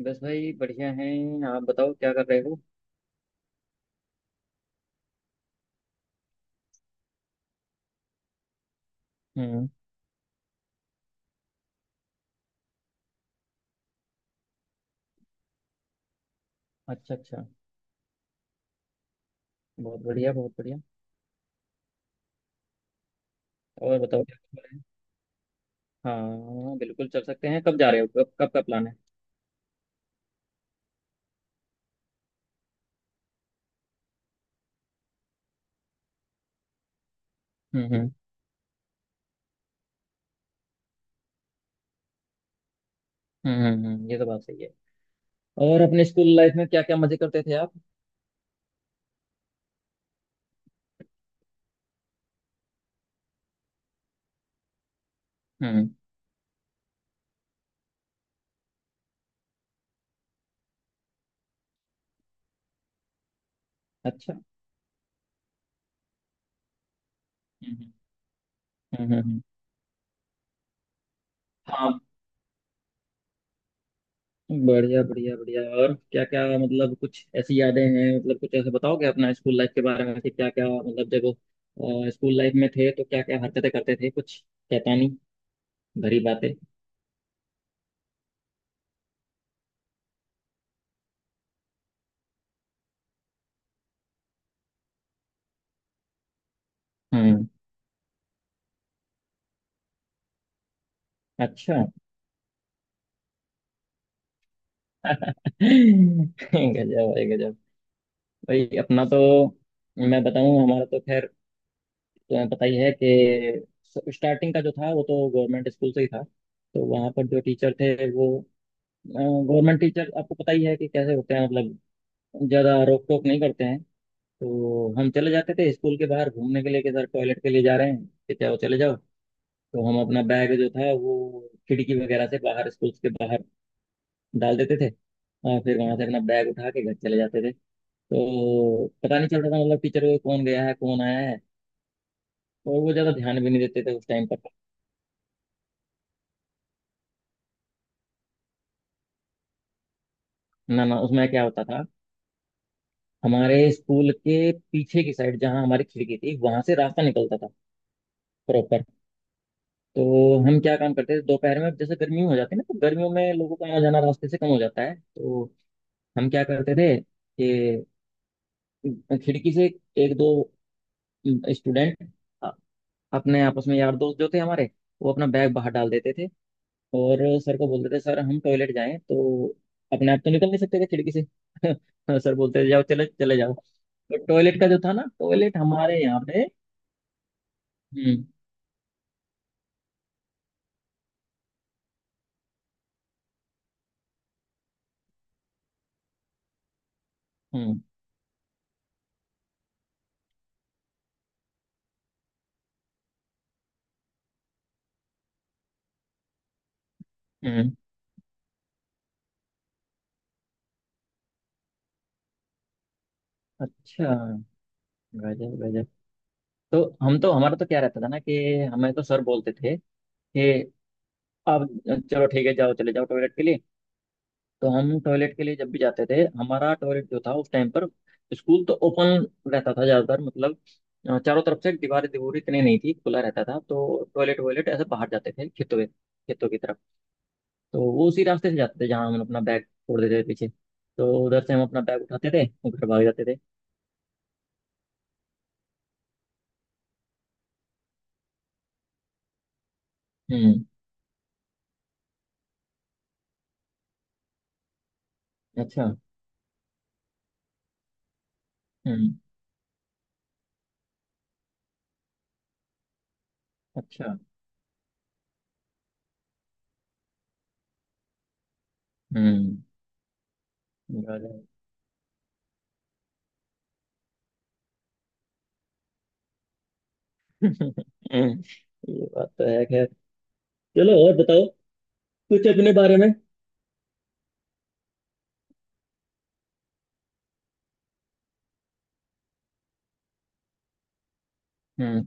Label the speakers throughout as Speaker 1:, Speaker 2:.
Speaker 1: बस भाई बढ़िया हैं। आप बताओ क्या कर रहे हो? हम्म। अच्छा अच्छा। बहुत बढ़िया बहुत बढ़िया। और बताओ क्या कर रहे हैं? हाँ बिल्कुल चल सकते हैं। कब जा रहे हो? कब कब का प्लान है? हम्म, हम्म, हम्म, ये तो बात सही है। और अपने स्कूल लाइफ में क्या क्या मजे करते थे आप? हम्म। अच्छा। हम्म, हम्म, हाँ। बढ़िया बढ़िया बढ़िया। और क्या क्या, मतलब कुछ ऐसी यादें हैं, मतलब कुछ ऐसे बताओगे अपना स्कूल लाइफ के बारे में कि क्या क्या, मतलब जब स्कूल लाइफ में थे तो क्या क्या हरकतें करते थे, कुछ शैतानी भरी बातें। हम्म। अच्छा। गजब है गजब। भाई अपना तो, मैं बताऊं हमारा तो खैर, तुम्हें पता ही है कि स्टार्टिंग का जो था वो तो गवर्नमेंट स्कूल से ही था। तो वहाँ पर जो टीचर थे, वो गवर्नमेंट टीचर, आपको पता ही है कि कैसे होते हैं, मतलब ज़्यादा रोक टोक नहीं करते हैं। तो हम चले जाते थे स्कूल के बाहर घूमने के लिए कि सर टॉयलेट के लिए जा रहे हैं कि चाहे चले जाओ। तो हम अपना बैग जो था वो खिड़की वगैरह से बाहर स्कूल के बाहर डाल देते थे। और फिर वहां से अपना बैग उठा के घर चले जाते थे। तो पता नहीं चलता था, मतलब टीचर को कौन गया है कौन आया है। और वो ज्यादा ध्यान भी नहीं देते थे उस टाइम पर। ना ना, उसमें क्या होता था, हमारे स्कूल के पीछे की साइड जहाँ हमारी खिड़की थी वहां से रास्ता निकलता था प्रॉपर। तो हम क्या काम करते थे दोपहर में, जैसे गर्मी हो जाती है ना, तो गर्मियों में लोगों का आना जाना रास्ते से कम हो जाता है, तो हम क्या करते थे कि खिड़की से एक दो स्टूडेंट, अपने आपस में यार दोस्त जो थे हमारे, वो अपना बैग बाहर डाल देते थे और सर को बोलते थे सर हम टॉयलेट जाएं तो? अपने आप तो निकल नहीं सकते थे खिड़की से। सर बोलते थे जाओ चले चले जाओ। तो टॉयलेट का जो था ना, टॉयलेट हमारे यहाँ पे। हम्म, हम्म, हम्म। अच्छा। गजब गजब। तो हम तो, हमारा तो क्या रहता था ना कि हमें तो सर बोलते थे कि आप चलो ठीक है जाओ चले जाओ टॉयलेट के लिए। तो हम टॉयलेट के लिए जब भी जाते थे, हमारा टॉयलेट जो था उस टाइम पर, स्कूल तो ओपन रहता था ज्यादातर, मतलब चारों तरफ से दीवारें दीवारें इतनी नहीं थी, खुला रहता था, तो टॉयलेट वॉयलेट ऐसे बाहर जाते थे खेतों में, खेतों की तरफ। तो वो उसी रास्ते से जाते थे जहाँ हम अपना बैग छोड़ देते थे पीछे। तो उधर से हम अपना बैग उठाते थे और घर भाग जाते थे। हम्म। अच्छा। हम्म। अच्छा। हम्म। गजब। ये बात तो है खैर। चलो और बताओ कुछ अपने बारे में। हम्म,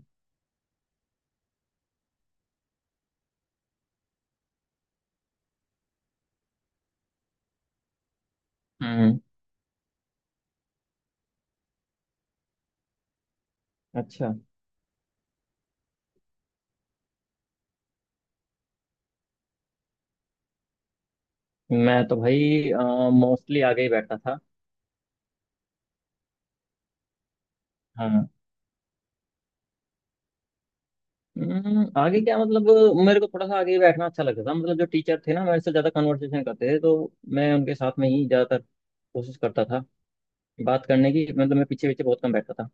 Speaker 1: हम्म। अच्छा। मैं तो भाई मोस्टली आगे ही बैठता था। हाँ, आगे क्या मतलब, मेरे को थोड़ा सा आगे ही बैठना अच्छा लगता था, मतलब जो टीचर थे ना मेरे से ज़्यादा कन्वर्सेशन करते थे, तो मैं उनके साथ में ही ज़्यादातर कोशिश करता था बात करने की, मतलब मैं पीछे पीछे बहुत कम बैठता था।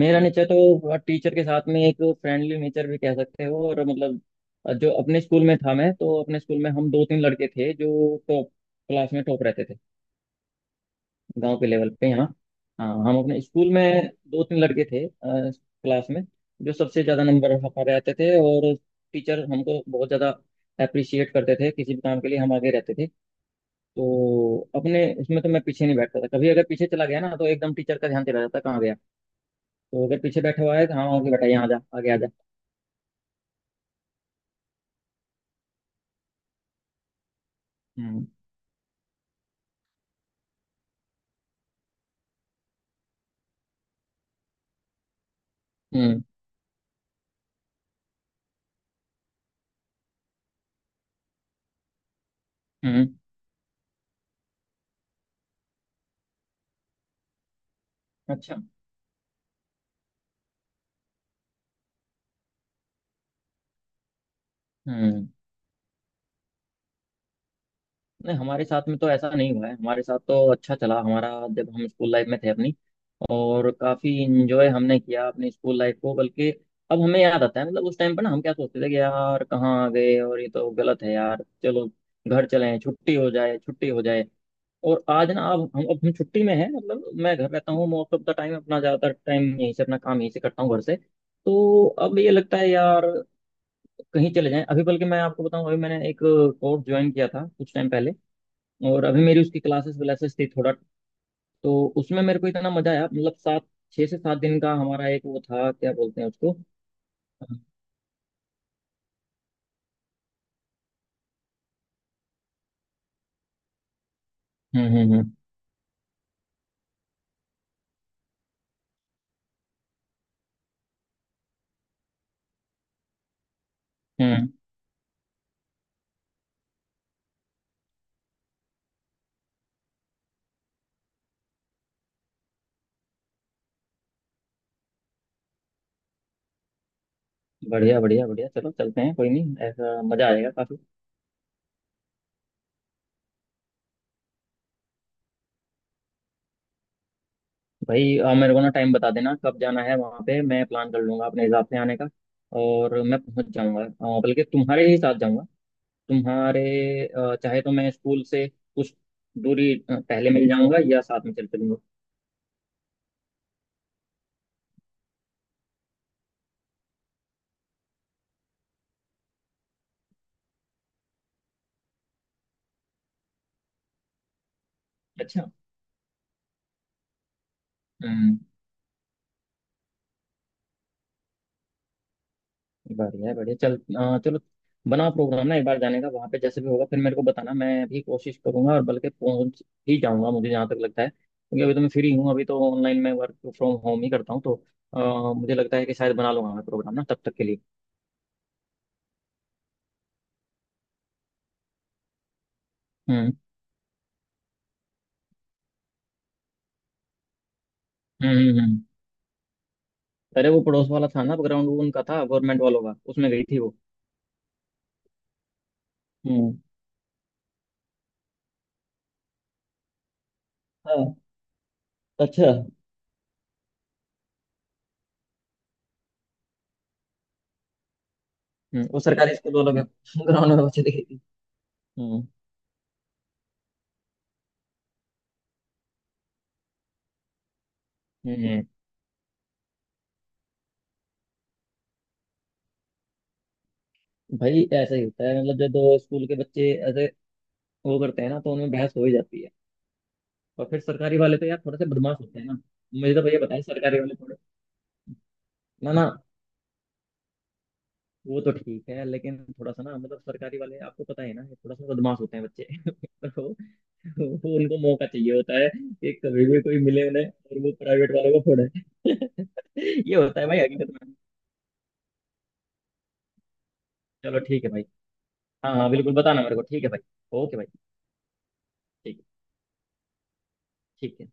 Speaker 1: मेरा नेचर तो टीचर के साथ में एक फ्रेंडली नेचर भी कह सकते हो। और मतलब, जो अपने स्कूल में था, मैं तो अपने स्कूल में हम दो तीन लड़के थे जो टॉप क्लास में टॉप रहते थे। गांव के लेवल पे, हाँ हाँ। हम अपने स्कूल में दो तीन लड़के थे क्लास में, जो सबसे ज़्यादा नंबर हमारे आते थे, और टीचर हमको बहुत ज़्यादा अप्रिशिएट करते थे, किसी भी काम के लिए हम आगे रहते थे। तो अपने उसमें तो मैं पीछे नहीं बैठता था कभी। अगर पीछे चला गया ना तो एकदम टीचर का ध्यान चला जाता कहाँ गया, तो अगर पीछे बैठा हुआ है तो हाँ ओके बेटा यहाँ आ जा, आगे आ जा। हम्म, हम्म, हम्म। अच्छा। हम्म। नहीं, हमारे साथ में तो ऐसा नहीं हुआ है, हमारे साथ तो अच्छा चला हमारा, जब हम स्कूल लाइफ में थे अपनी। और काफी इंजॉय हमने किया अपनी स्कूल लाइफ को। बल्कि अब हमें याद आता है, मतलब उस टाइम पर ना हम क्या सोचते थे कि यार कहाँ आ गए और ये तो गलत है यार, चलो घर चले, छुट्टी हो जाए छुट्टी हो जाए। और आज ना, अब हम छुट्टी में हैं, मतलब मैं घर रहता हूँ मोस्ट ऑफ द टाइम, अपना ज्यादातर टाइम यहीं से, अपना काम यहीं से करता हूँ, घर से। तो अब ये लगता है यार कहीं चले जाएं अभी। बल्कि मैं आपको बताऊं, अभी मैंने एक कोर्स ज्वाइन किया था कुछ टाइम पहले, और अभी मेरी उसकी क्लासेस व्लासेस थी थोड़ा। तो उसमें मेरे को इतना मजा आया, मतलब सात छः से सात दिन का हमारा एक वो था, क्या बोलते हैं उसको। हम्म, हम्म, हम्म, हम्म, बढ़िया बढ़िया बढ़िया। चलो चलते हैं कोई नहीं, ऐसा मजा आएगा काफी। भाई मेरे को ना टाइम बता देना कब जाना है वहाँ पे, मैं प्लान कर लूंगा अपने हिसाब से आने का, और मैं पहुंच जाऊंगा, बल्कि तुम्हारे ही साथ जाऊंगा, तुम्हारे चाहे तो मैं स्कूल से कुछ दूरी पहले मिल जाऊंगा, या साथ में चल चलूंगा। अच्छा। हम्म। बढ़िया है, बढ़िया चलो बना प्रोग्राम ना एक बार जाने का वहां पे, जैसे भी होगा फिर मेरे को बताना, मैं भी कोशिश करूंगा और बल्कि पहुंच ही जाऊंगा मुझे जहां तक लगता है, क्योंकि अभी तो मैं फ्री हूँ, अभी तो ऑनलाइन मैं वर्क फ्रॉम होम ही करता हूँ, तो मुझे लगता है कि शायद बना लूंगा मैं प्रोग्राम ना तब तक के लिए। हम्म, हम्म, हम्म, अरे वो पड़ोस वाला था ना ग्राउंड, वो उनका था गवर्नमेंट वालों का, उसमें गई थी वो। हम्म। हाँ। अच्छा। वो सरकारी स्कूल वालों के ग्राउंड में बच्चे दिखे थे। हम्म, हम्म, भाई ऐसा ही होता है, मतलब जब दो स्कूल के बच्चे वो करते हैं ना तो उनमें बहस हो ही जाती है। और फिर सरकारी वाले तो यार थोड़े से बदमाश होते हैं ना। मुझे तो भैया बताया सरकारी वाले थोड़े, ना ना, वो तो ठीक है, लेकिन थोड़ा सा ना, मतलब सरकारी वाले आपको पता है ना, ये थोड़ा सा बदमाश होते हैं बच्चे। तो वो उनको मौका चाहिए होता है कि कभी भी कोई मिले उन्हें और वो प्राइवेट वालों को फोड़े। ये होता है भाई हकीकत में। चलो ठीक है भाई। हाँ हाँ, बिल्कुल बताना मेरे को, ठीक है भाई। ओके भाई। ठीक है। ठीक है।